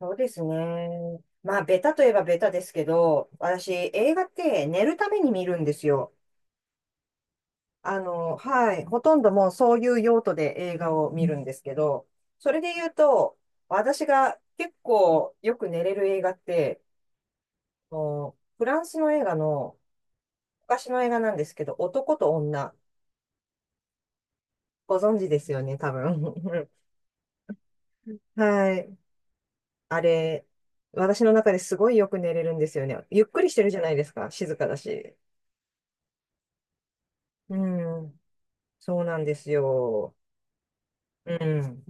そうですね。まあ、ベタといえばベタですけど、私、映画って寝るために見るんですよ。はい。ほとんどもうそういう用途で映画を見るんですけど、それで言うと、私が結構よく寝れる映画って、フランスの映画の、昔の映画なんですけど、男と女、ご存知ですよね、多分。はい。あれ、私の中ですごいよく寝れるんですよね。ゆっくりしてるじゃないですか。静かだし。うん。そうなんですよ。うん。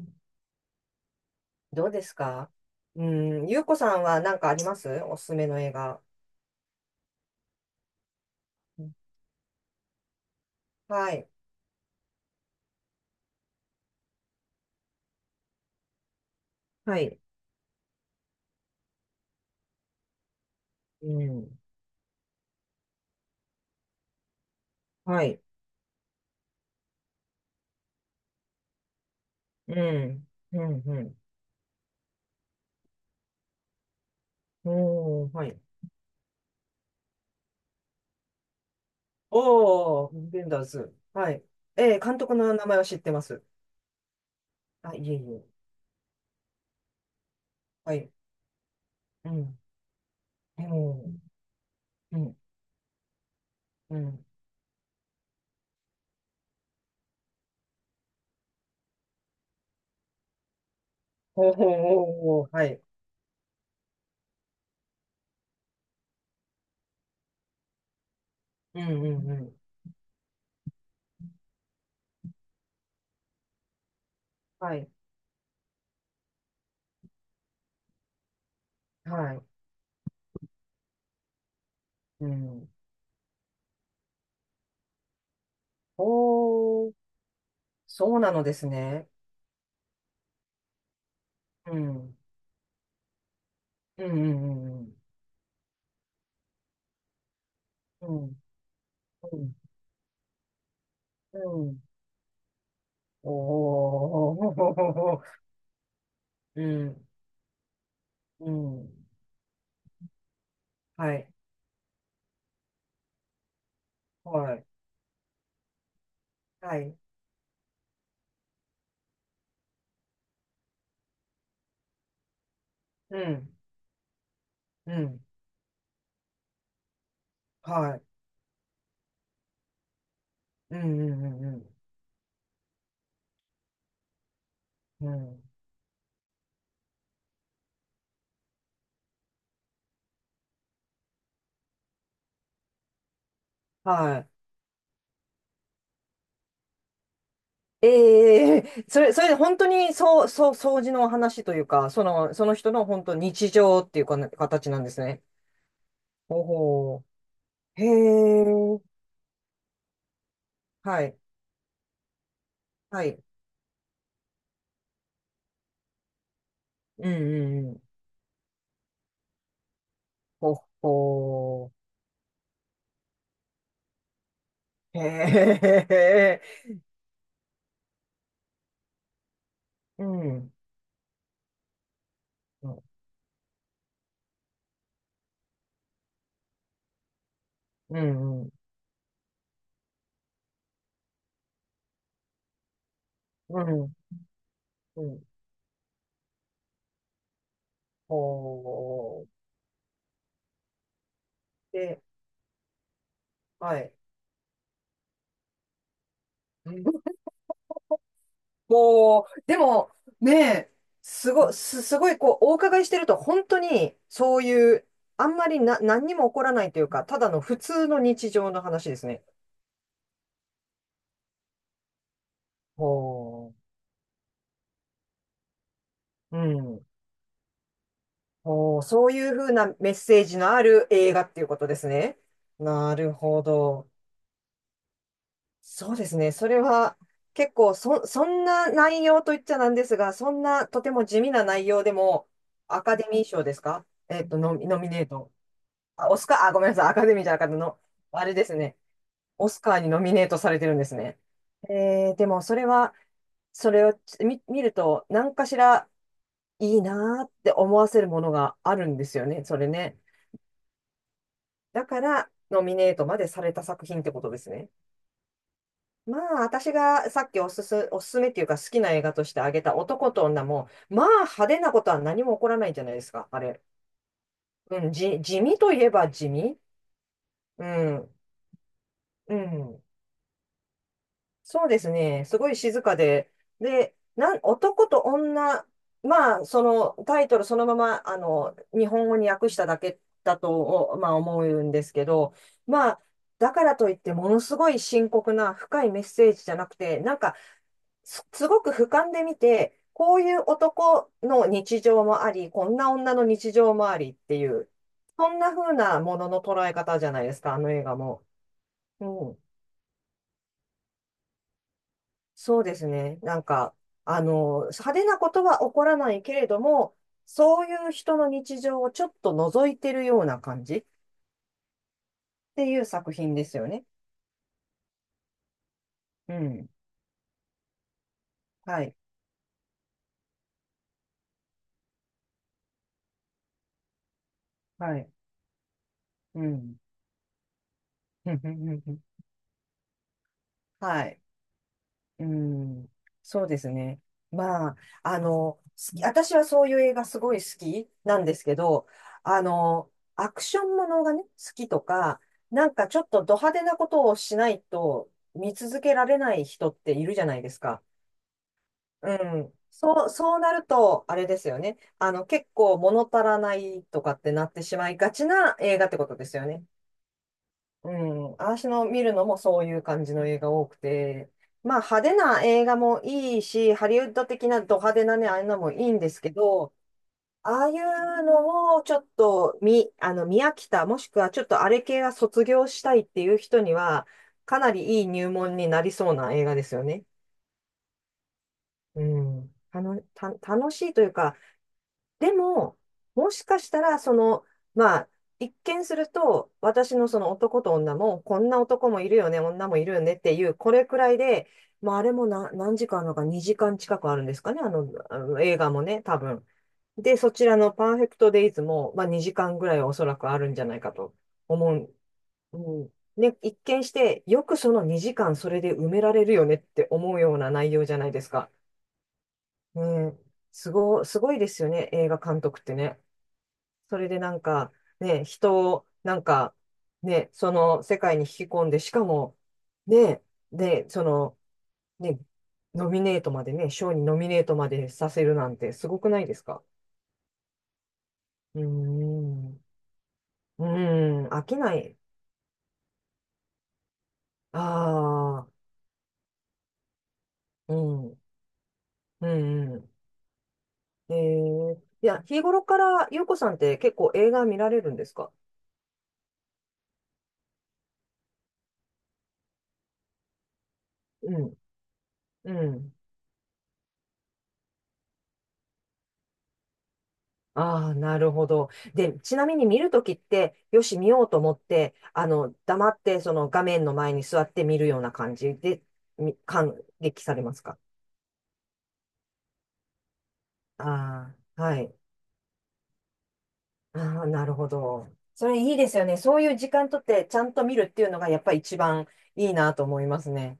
どうですか？うん。ゆうこさんは何かあります？おすすめの映画。うん。はい。はい。うん。はい。うん。うん。うん。おー、はい。おー、ベンダーズ。はい。えー、監督の名前は知ってます。あ、いえいえ。はい。うん。うん。うん。うん。おー、おー、おー、はい。うん。うん。うん。はい。はい。うん。おー、そうなのですね。うん。うん。うんうんうん。うん。うん。おおー。うん。うん。はい。はい。はい。うん。うん。はい。うんうんうんうん。うん。はい。ええ、それで本当に、掃除の話というか、その人の本当日常っていうか、形なんですね。ほほう。へえ。はい。はい。うんうんうん。ほほう。へえ。うん。うん、うん、うん、うん。うん。ほう、で、はい。ほう、でも、ねえ、すごい、こう、お伺いしてると、本当に、そういう、あんまりな、何にも起こらないというか、ただの普通の日常の話ですね。ほう、うん。ほう、そういうふうなメッセージのある映画っていうことですね。なるほど。そうですね。それは結構、そんな内容といっちゃなんですが、そんなとても地味な内容でも、アカデミー賞ですか？ノミネート。あ、オスカー、あ、ごめんなさい。アカデミーじゃなかったの。あれですね。オスカーにノミネートされてるんですね。えー、でもそれは、それを見ると、何かしらいいなーって思わせるものがあるんですよね。それね。だから、ノミネートまでされた作品ってことですね。まあ、私がさっきおすすめっていうか好きな映画として挙げた男と女も、まあ派手なことは何も起こらないんじゃないですか、あれ。うん、地味といえば地味。うん、うん。そうですね。すごい静かで。で、男と女、まあ、そのタイトルそのまま、日本語に訳しただけだと、おまあ思うんですけど、まあ、だからといってものすごい深刻な深いメッセージじゃなくて、なんか、すごく俯瞰で見て、こういう男の日常もあり、こんな女の日常もありっていう、そんな風なものの捉え方じゃないですか、あの映画も。うん。そうですね。なんか、派手なことは起こらないけれども、そういう人の日常をちょっと覗いてるような感じっていう作品ですよね。うん。はい。はい。うん。はい。うん、そうですね。まあ、あの、好私はそういう映画すごい好きなんですけど、あの、アクションものがね、好きとか、なんかちょっとド派手なことをしないと見続けられない人っているじゃないですか。うん。そう、そうなると、あれですよね。結構物足らないとかってなってしまいがちな映画ってことですよね。うん、私の見るのもそういう感じの映画多くて、まあ派手な映画もいいし、ハリウッド的なド派手なね、ああいうのもいいんですけど、ああいうのをちょっと見、あの、見飽きた、もしくはちょっとあれ系は卒業したいっていう人には、かなりいい入門になりそうな映画ですよね。うん。楽しいというか、でも、もしかしたら、まあ、一見すると、私のその男と女も、こんな男もいるよね、女もいるよねっていう、これくらいで、まあ、あれもな、何時間あるのか、2時間近くあるんですかね、あの、あの映画もね、多分。で、そちらのパーフェクトデイズも、まあ、2時間ぐらいはおそらくあるんじゃないかと思う。うん。ね、一見して、よくその2時間それで埋められるよねって思うような内容じゃないですか。うん、すごいですよね、映画監督ってね。それでなんか、ね、人を、なんか、ね、その世界に引き込んで、しかも、ね、で、その、ね、ノミネートまでね、賞にノミネートまでさせるなんてすごくないですか？うーん。うーん。飽きない。ああ、うん。うんうん。えー、いや、日頃から、ゆうこさんって結構映画見られるんですか？うん。うん。ああ、なるほど。で、ちなみに見るときって、よし、見ようと思って、黙って、その画面の前に座って見るような感じで、感激されますか？ああ、はい。ああ、なるほど。それいいですよね。そういう時間とって、ちゃんと見るっていうのが、やっぱり一番いいなと思いますね。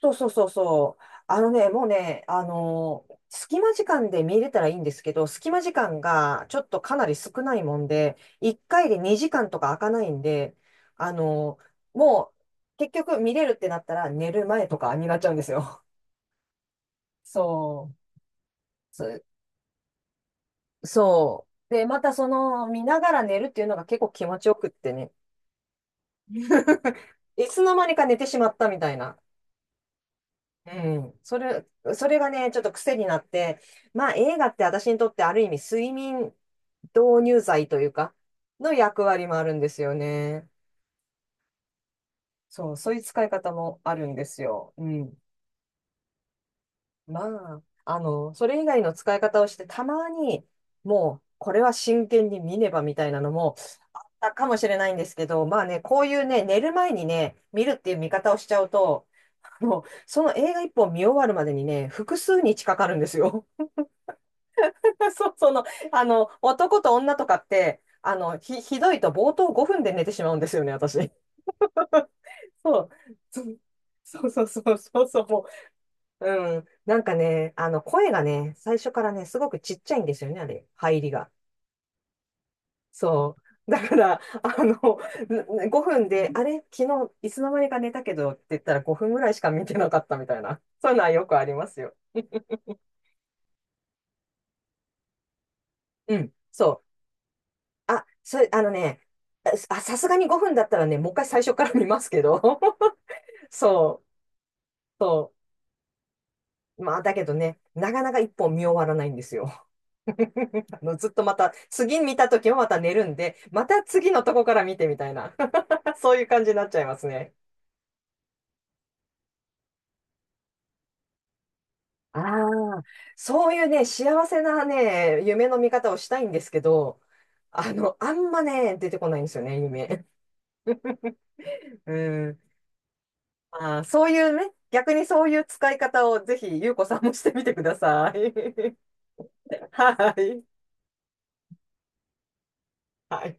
そうそうそうそう。あのね、もうね、隙間時間で見れたらいいんですけど、隙間時間がちょっとかなり少ないもんで、1回で2時間とか開かないんで、あのもう結局見れるってなったら寝る前とかになっちゃうんですよ。そう。そそう。で、またその見ながら寝るっていうのが結構気持ちよくってね。いつの間にか寝てしまったみたいな。うん。それがね、ちょっと癖になって、まあ映画って私にとってある意味睡眠導入剤というか、の役割もあるんですよね。そう、そういう使い方もあるんですよ。うん。まあ、それ以外の使い方をして、たまに、もう、これは真剣に見ねばみたいなのもあったかもしれないんですけど、まあね、こういうね、寝る前にね、見るっていう見方をしちゃうと、もう、その映画一本見終わるまでにね、複数日かかるんですよ。そう、男と女とかって、ひどいと冒頭5分で寝てしまうんですよね、私。そう。そうそうそうそうそう、もう、うん。なんかね、声がね、最初からね、すごくちっちゃいんですよね、あれ、入りが。そう。だから、5分で、あれ、昨日、いつの間にか寝たけどって言ったら5分ぐらいしか見てなかったみたいな。そういうのはよくありますよ。うん。そう。あ、それ、あのね、あ、さすがに5分だったらね、もう一回最初から見ますけど。そう、そう。まあ、だけどね、なかなか一本見終わらないんですよ。ずっとまた、次見た時もまた寝るんで、また次のとこから見てみたいな。そういう感じになっちゃいますね。ああ、そういうね、幸せなね、夢の見方をしたいんですけど、あんまね、出てこないんですよね、夢。うん。ああ、そういうね、逆にそういう使い方をぜひ、ゆうこさんもしてみてください。はい。はい。